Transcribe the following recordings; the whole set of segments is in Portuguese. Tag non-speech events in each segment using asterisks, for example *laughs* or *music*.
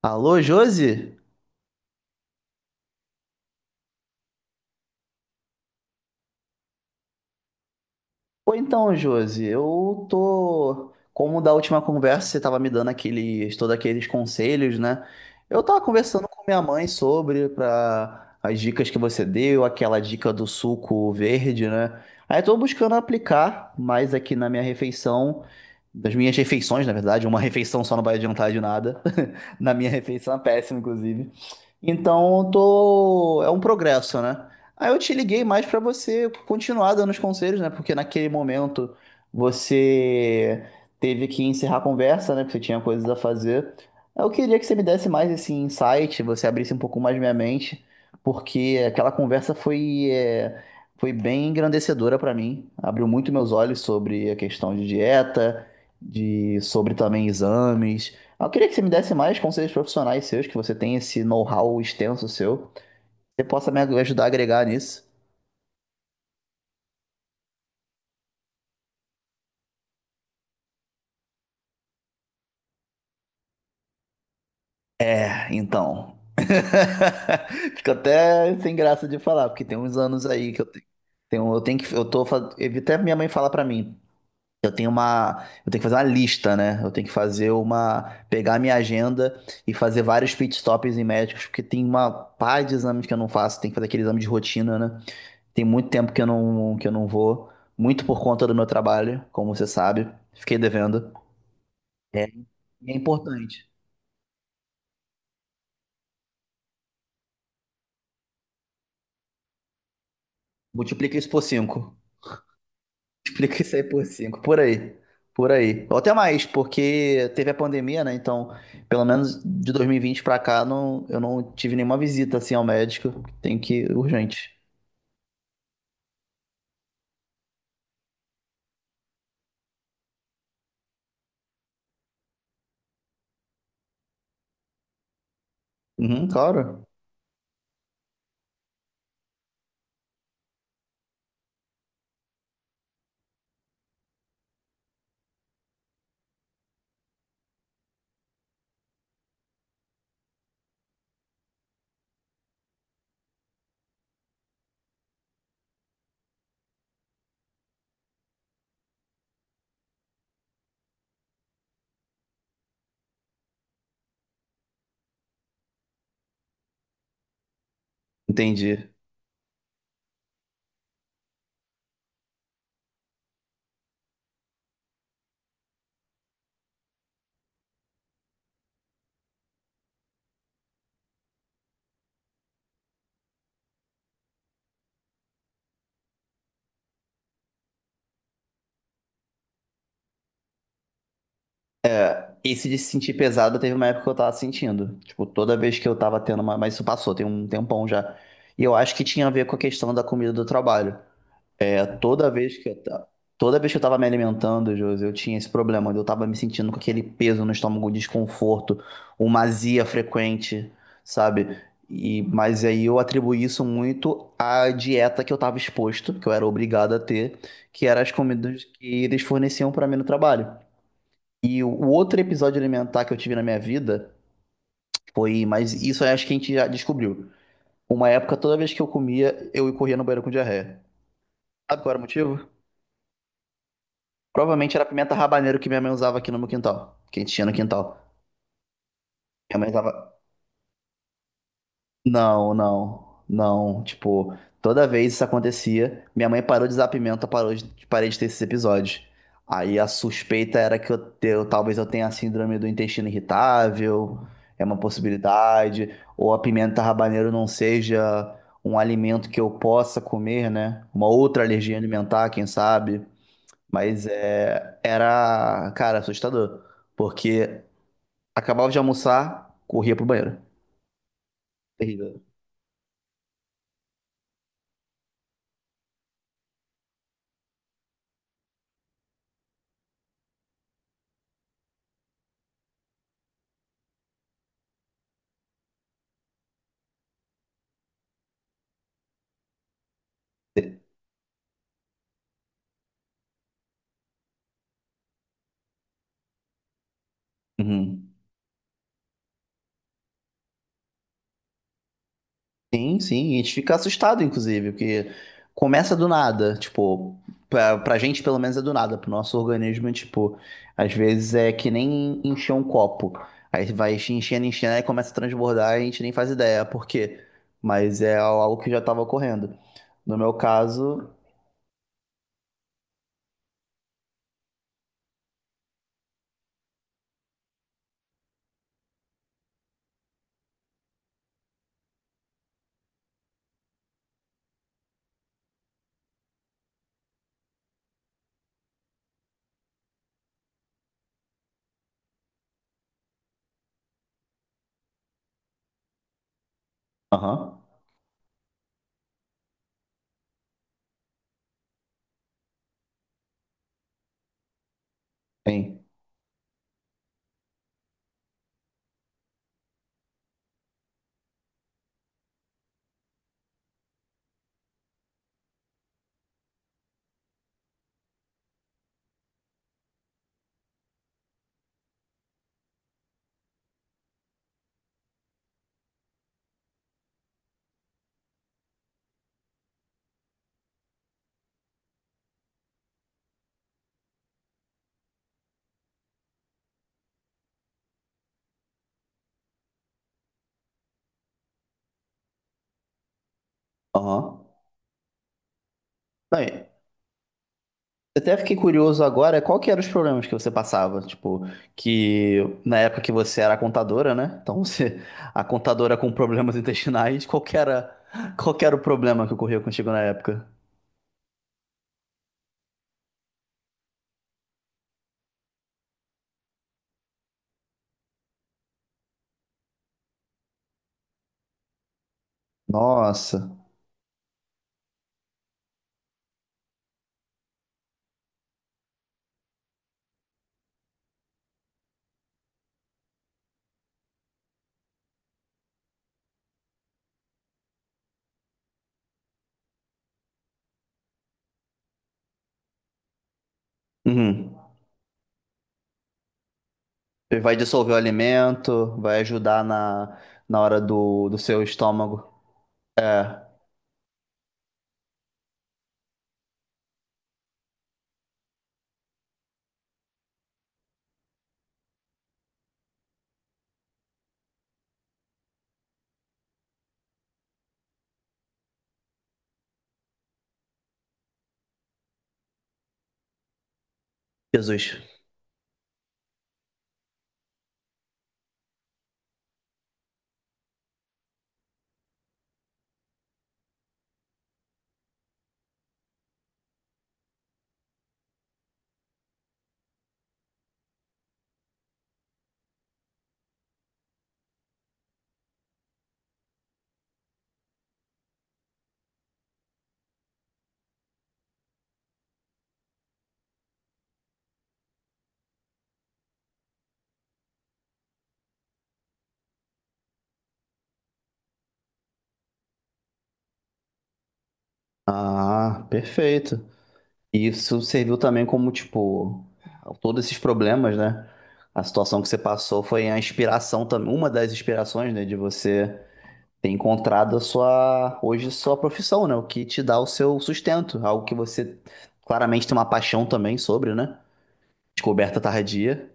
Alô, Josi? Ou então, Josi, eu tô. Como da última conversa você tava me dando todos aqueles conselhos, né? Eu tava conversando com minha mãe sobre as dicas que você deu, aquela dica do suco verde, né? Aí eu tô buscando aplicar mais aqui na minha refeição, das minhas refeições, na verdade, uma *laughs* refeição só não vai adiantar de nada. *laughs* Na minha refeição é péssima, inclusive. Então, é um progresso, né? Aí eu te liguei mais para você continuar dando os conselhos, né? Porque naquele momento você teve que encerrar a conversa, né? Porque você tinha coisas a fazer. Eu queria que você me desse mais esse insight, você abrisse um pouco mais minha mente, porque aquela conversa foi bem engrandecedora para mim. Abriu muito meus olhos sobre a questão de dieta, de sobre também exames. Eu queria que você me desse mais conselhos profissionais seus, que você tem esse know-how extenso seu. Você possa me ajudar a agregar nisso. É, então. *laughs* Fico até sem graça de falar, porque tem uns anos aí que tenho, eu tenho que, eu tô, fa- até minha mãe fala pra mim, eu tenho que fazer uma lista, né? Eu tenho que pegar minha agenda e fazer vários pit stops em médicos, porque tem uma pá de exames que eu não faço, tem que fazer aquele exame de rotina, né? Tem muito tempo que eu não vou, muito por conta do meu trabalho, como você sabe. Fiquei devendo. É, é importante. Multiplica isso por 5. *laughs* Multiplica isso aí por 5. Por aí. Por aí. Ou até mais, porque teve a pandemia, né? Então, pelo menos de 2020 pra cá, não, eu não tive nenhuma visita assim ao médico. Tem que ir urgente. Uhum, claro. Entendi. Esse de se sentir pesado teve uma época que eu tava sentindo. Tipo, toda vez que eu tava tendo uma. Mas isso passou, tem um tempão já. E eu acho que tinha a ver com a questão da comida do trabalho. É, toda vez que eu, ta- toda vez que eu tava me alimentando, Josi, eu tinha esse problema. Eu tava me sentindo com aquele peso no estômago, um desconforto, uma azia frequente, sabe? Mas aí eu atribuí isso muito à dieta que eu tava exposto, que eu era obrigado a ter, que eram as comidas que eles forneciam pra mim no trabalho. E o outro episódio alimentar que eu tive na minha vida foi, mas isso eu acho que a gente já descobriu. Uma época, toda vez que eu comia, eu corria no banheiro com diarreia. Sabe qual era o motivo? Provavelmente era a pimenta rabaneiro que minha mãe usava aqui no meu quintal, que a gente tinha no quintal. Minha mãe usava, não, não, não. Tipo, toda vez isso acontecia, minha mãe parou de usar pimenta, parei de ter esses episódios. Aí a suspeita era que talvez eu tenha a síndrome do intestino irritável, é uma possibilidade, ou a pimenta habanero não seja um alimento que eu possa comer, né? Uma outra alergia alimentar, quem sabe. Era cara, assustador, porque acabava de almoçar, corria pro banheiro. Terrível. Uhum. Sim, a gente fica assustado, inclusive, porque começa do nada, tipo, pra gente pelo menos é do nada, pro nosso organismo, é, tipo, às vezes é que nem encher um copo, aí vai enchendo, enchendo, aí começa a transbordar e a gente nem faz ideia por quê, mas é algo que já tava ocorrendo. No meu caso, aham, sim, aham. Não, até fiquei curioso agora, qual que eram os problemas que você passava? Tipo, que na época que você era contadora, né? Então, *laughs* você, a contadora com problemas *laughs* intestinais, qual que era o problema que ocorreu contigo na época? Nossa. Uhum. Vai dissolver o alimento, vai ajudar na hora do seu estômago. É, Jesus. Ah, perfeito. E isso serviu também como, tipo, todos esses problemas, né? A situação que você passou foi a inspiração também, uma das inspirações, né, de você ter encontrado a sua, hoje, sua profissão, né? O que te dá o seu sustento, algo que você claramente tem uma paixão também sobre, né? Descoberta tardia.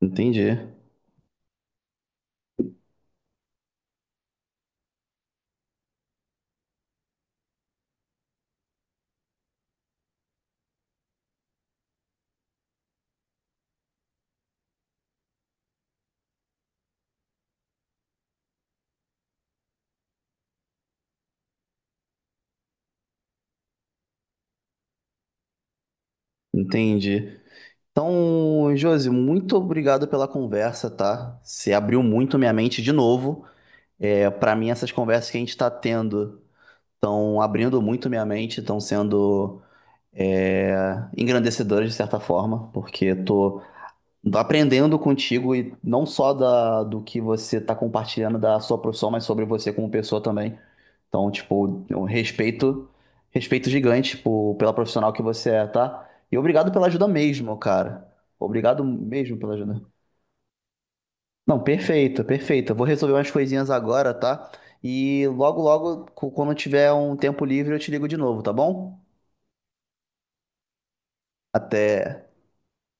Entendi, entendi. Então, Josi, muito obrigado pela conversa, tá? Você abriu muito minha mente de novo. É, para mim, essas conversas que a gente tá tendo estão abrindo muito minha mente, estão sendo é, engrandecedoras de certa forma, porque estou aprendendo contigo e não só do que você está compartilhando da sua profissão, mas sobre você como pessoa também. Então, tipo, respeito gigante pela profissional que você é, tá? E obrigado pela ajuda mesmo, cara. Obrigado mesmo pela ajuda. Não, perfeito. Eu vou resolver umas coisinhas agora, tá? E logo, logo, quando eu tiver um tempo livre, eu te ligo de novo, tá bom? Até.